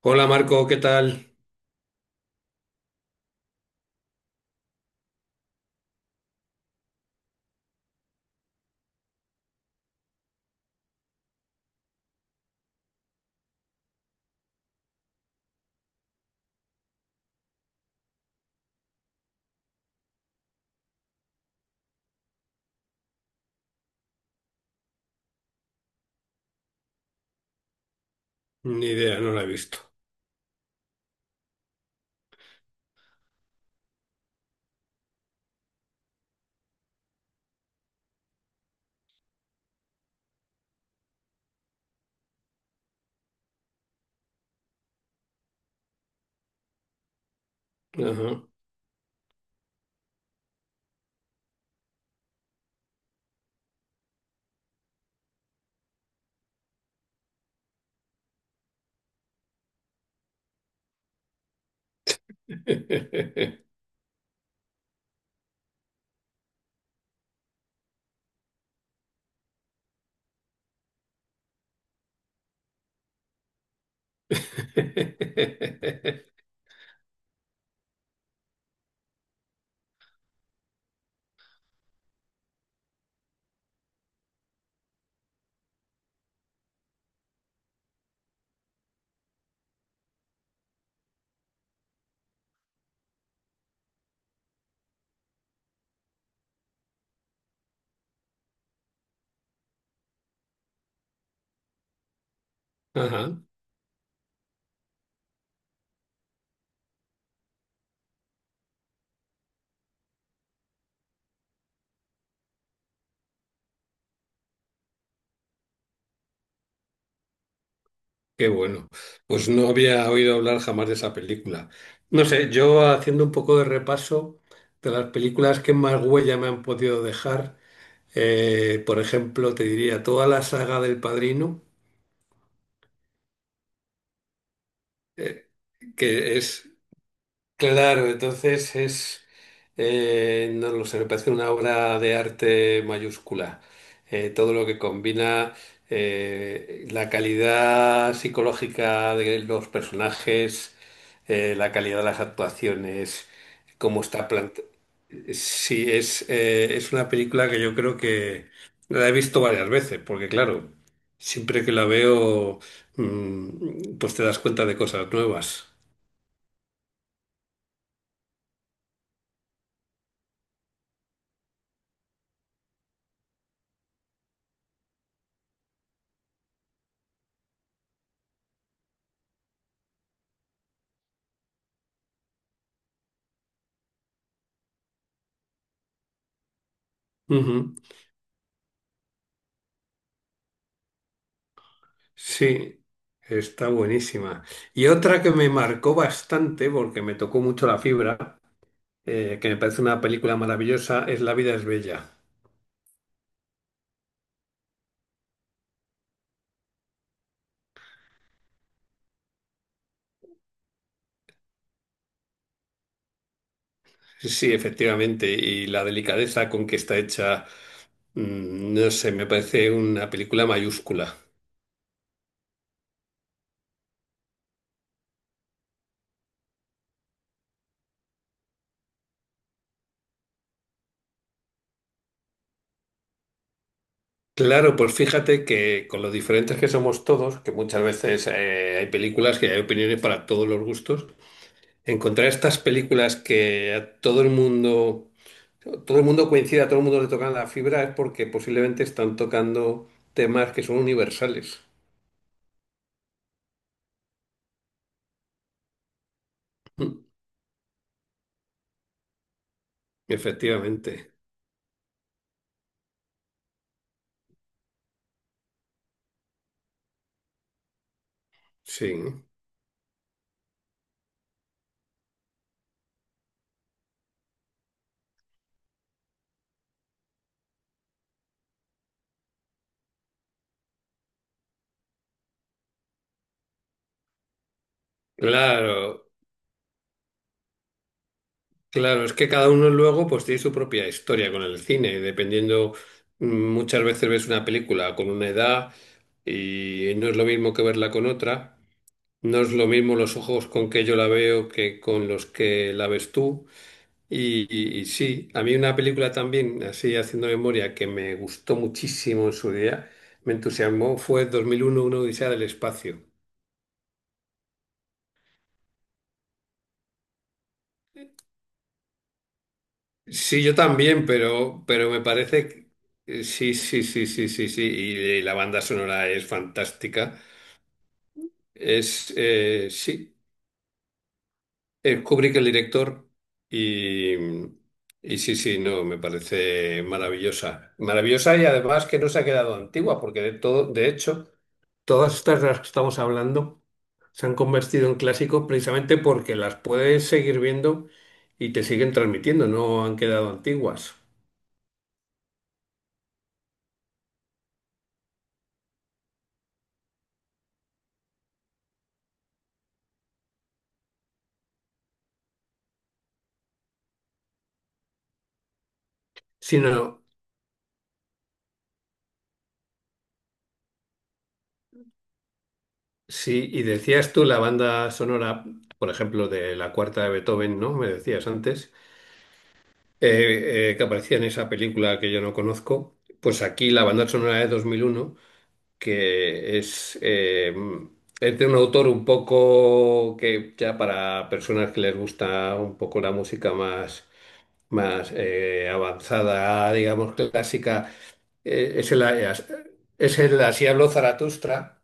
Hola Marco, ¿qué tal? Ni idea, no la he visto. Ajá. Ajá, qué bueno. Pues no había oído hablar jamás de esa película. No sé, yo haciendo un poco de repaso de las películas que más huella me han podido dejar, por ejemplo, te diría toda la saga del Padrino, que es. Claro, entonces es, no lo sé, me parece una obra de arte mayúscula. Todo lo que combina la calidad psicológica de los personajes, la calidad de las actuaciones, cómo está planteado. Sí, es una película que yo creo que la he visto varias veces, porque claro, siempre que la veo, pues te das cuenta de cosas nuevas. Ujú. Sí, está buenísima. Y otra que me marcó bastante, porque me tocó mucho la fibra, que me parece una película maravillosa, es La vida es bella. Sí, efectivamente, y la delicadeza con que está hecha, no sé, me parece una película mayúscula. Claro, pues fíjate que con lo diferentes que somos todos, que muchas veces hay películas que hay opiniones para todos los gustos, encontrar estas películas que a todo el mundo coincide, a todo el mundo le tocan la fibra, es porque posiblemente están tocando temas que son universales. Mm, efectivamente, sí. Claro, claro, es que cada uno luego pues tiene su propia historia con el cine, dependiendo, muchas veces ves una película con una edad y no es lo mismo que verla con otra, no es lo mismo los ojos con que yo la veo que con los que la ves tú. Sí, a mí una película también, así haciendo memoria, que me gustó muchísimo en su día, me entusiasmó, fue 2001, una odisea del espacio. Sí, yo también, pero me parece... sí, sí, sí, sí, sí, sí, y la banda sonora es fantástica. Es, sí, es Kubrick el director y, y sí, sí, no, me parece maravillosa. Maravillosa y además que no se ha quedado antigua, porque de todo, de hecho... Todas estas de las que estamos hablando se han convertido en clásicos precisamente porque las puedes seguir viendo y te siguen transmitiendo, no han quedado antiguas. Sino, sí, y decías tú la banda sonora, por ejemplo, de la cuarta de Beethoven, ¿no? Me decías antes, que aparecía en esa película que yo no conozco. Pues aquí la banda sonora de 2001 que es de un autor un poco que ya para personas que les gusta un poco la música más, más avanzada, digamos clásica, eh, es el, es el Así habló Zaratustra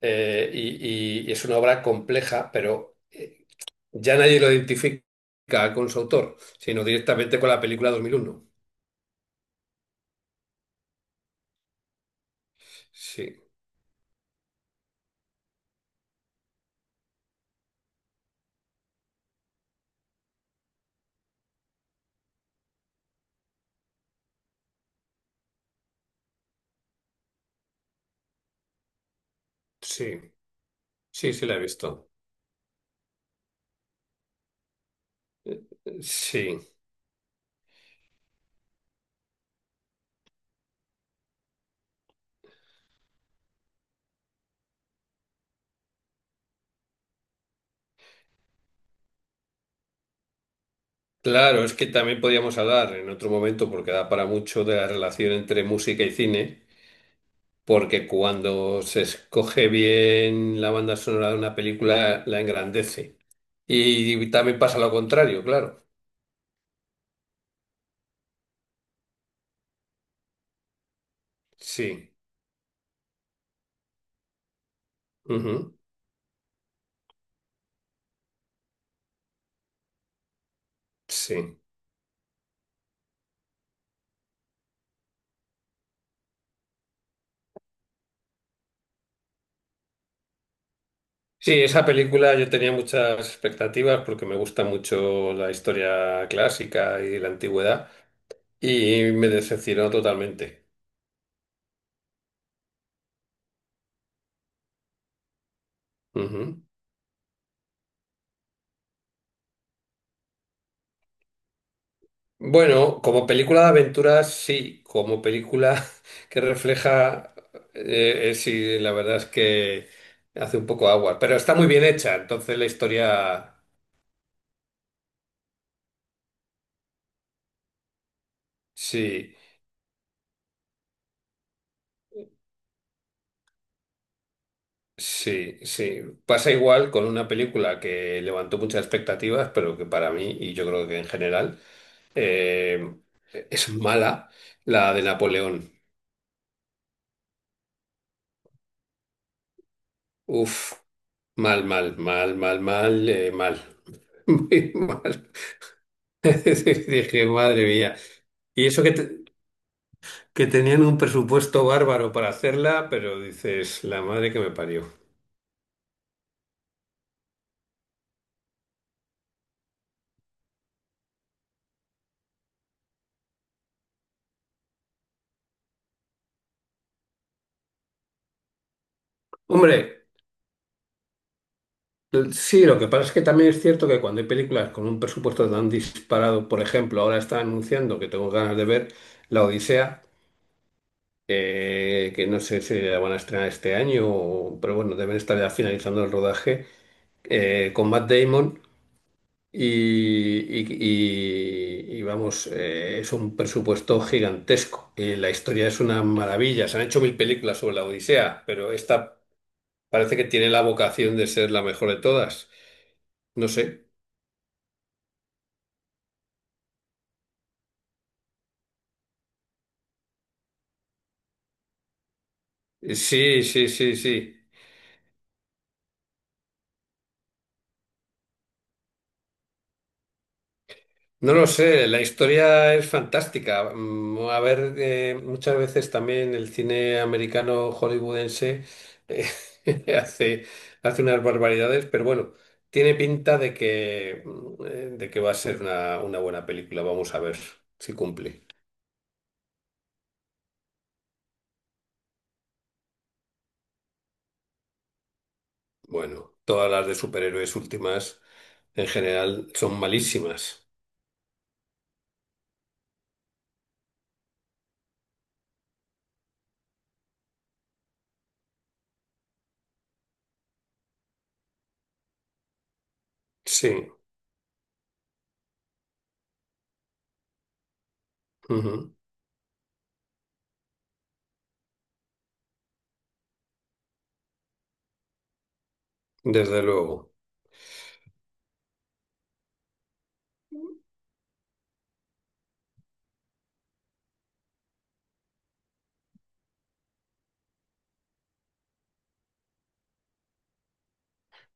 y es una obra compleja, pero ya nadie lo identifica con su autor, sino directamente con la película 2001. Sí, sí, sí, sí la he visto. Sí. Claro, es que también podríamos hablar en otro momento, porque da para mucho, de la relación entre música y cine, porque cuando se escoge bien la banda sonora de una película, la engrandece. Y también pasa lo contrario, claro. Sí, ujú, sí. Sí, esa película yo tenía muchas expectativas porque me gusta mucho la historia clásica y la antigüedad, y me decepcionó totalmente. Ujú. Bueno, como película de aventuras, sí, como película que refleja, sí, la verdad es que hace un poco agua, pero está muy bien hecha, entonces la historia, sí, sí, sí. Pasa igual con una película que levantó muchas expectativas, pero que para mí, y yo creo que en general, eh, es mala, la de Napoleón. Uf, mal, mal, mal, mal, mal, mal, muy mal. Dije, madre mía. Y eso que, que tenían un presupuesto bárbaro para hacerla, pero dices, la madre que me parió. Hombre, sí, lo que pasa es que también es cierto que cuando hay películas con un presupuesto tan disparado, por ejemplo, ahora está anunciando que tengo ganas de ver La Odisea, que no sé si la van a estrenar este año, pero bueno, deben estar ya finalizando el rodaje, con Matt Damon. Y vamos, es un presupuesto gigantesco. La historia es una maravilla. Se han hecho mil películas sobre la Odisea, pero esta parece que tiene la vocación de ser la mejor de todas. No sé. Sí, sí, sí, sí. No lo sé, la historia es fantástica. Mm, a ver, muchas veces también el cine americano hollywoodense eh, hace, hace unas barbaridades, pero bueno, tiene pinta de que, de que va a ser una buena película. Vamos a ver si cumple. Bueno, todas las de superhéroes últimas en general son malísimas. Sí, ujú, desde luego.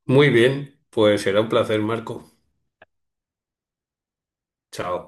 Muy bien, pues será un placer, Marco. Chao.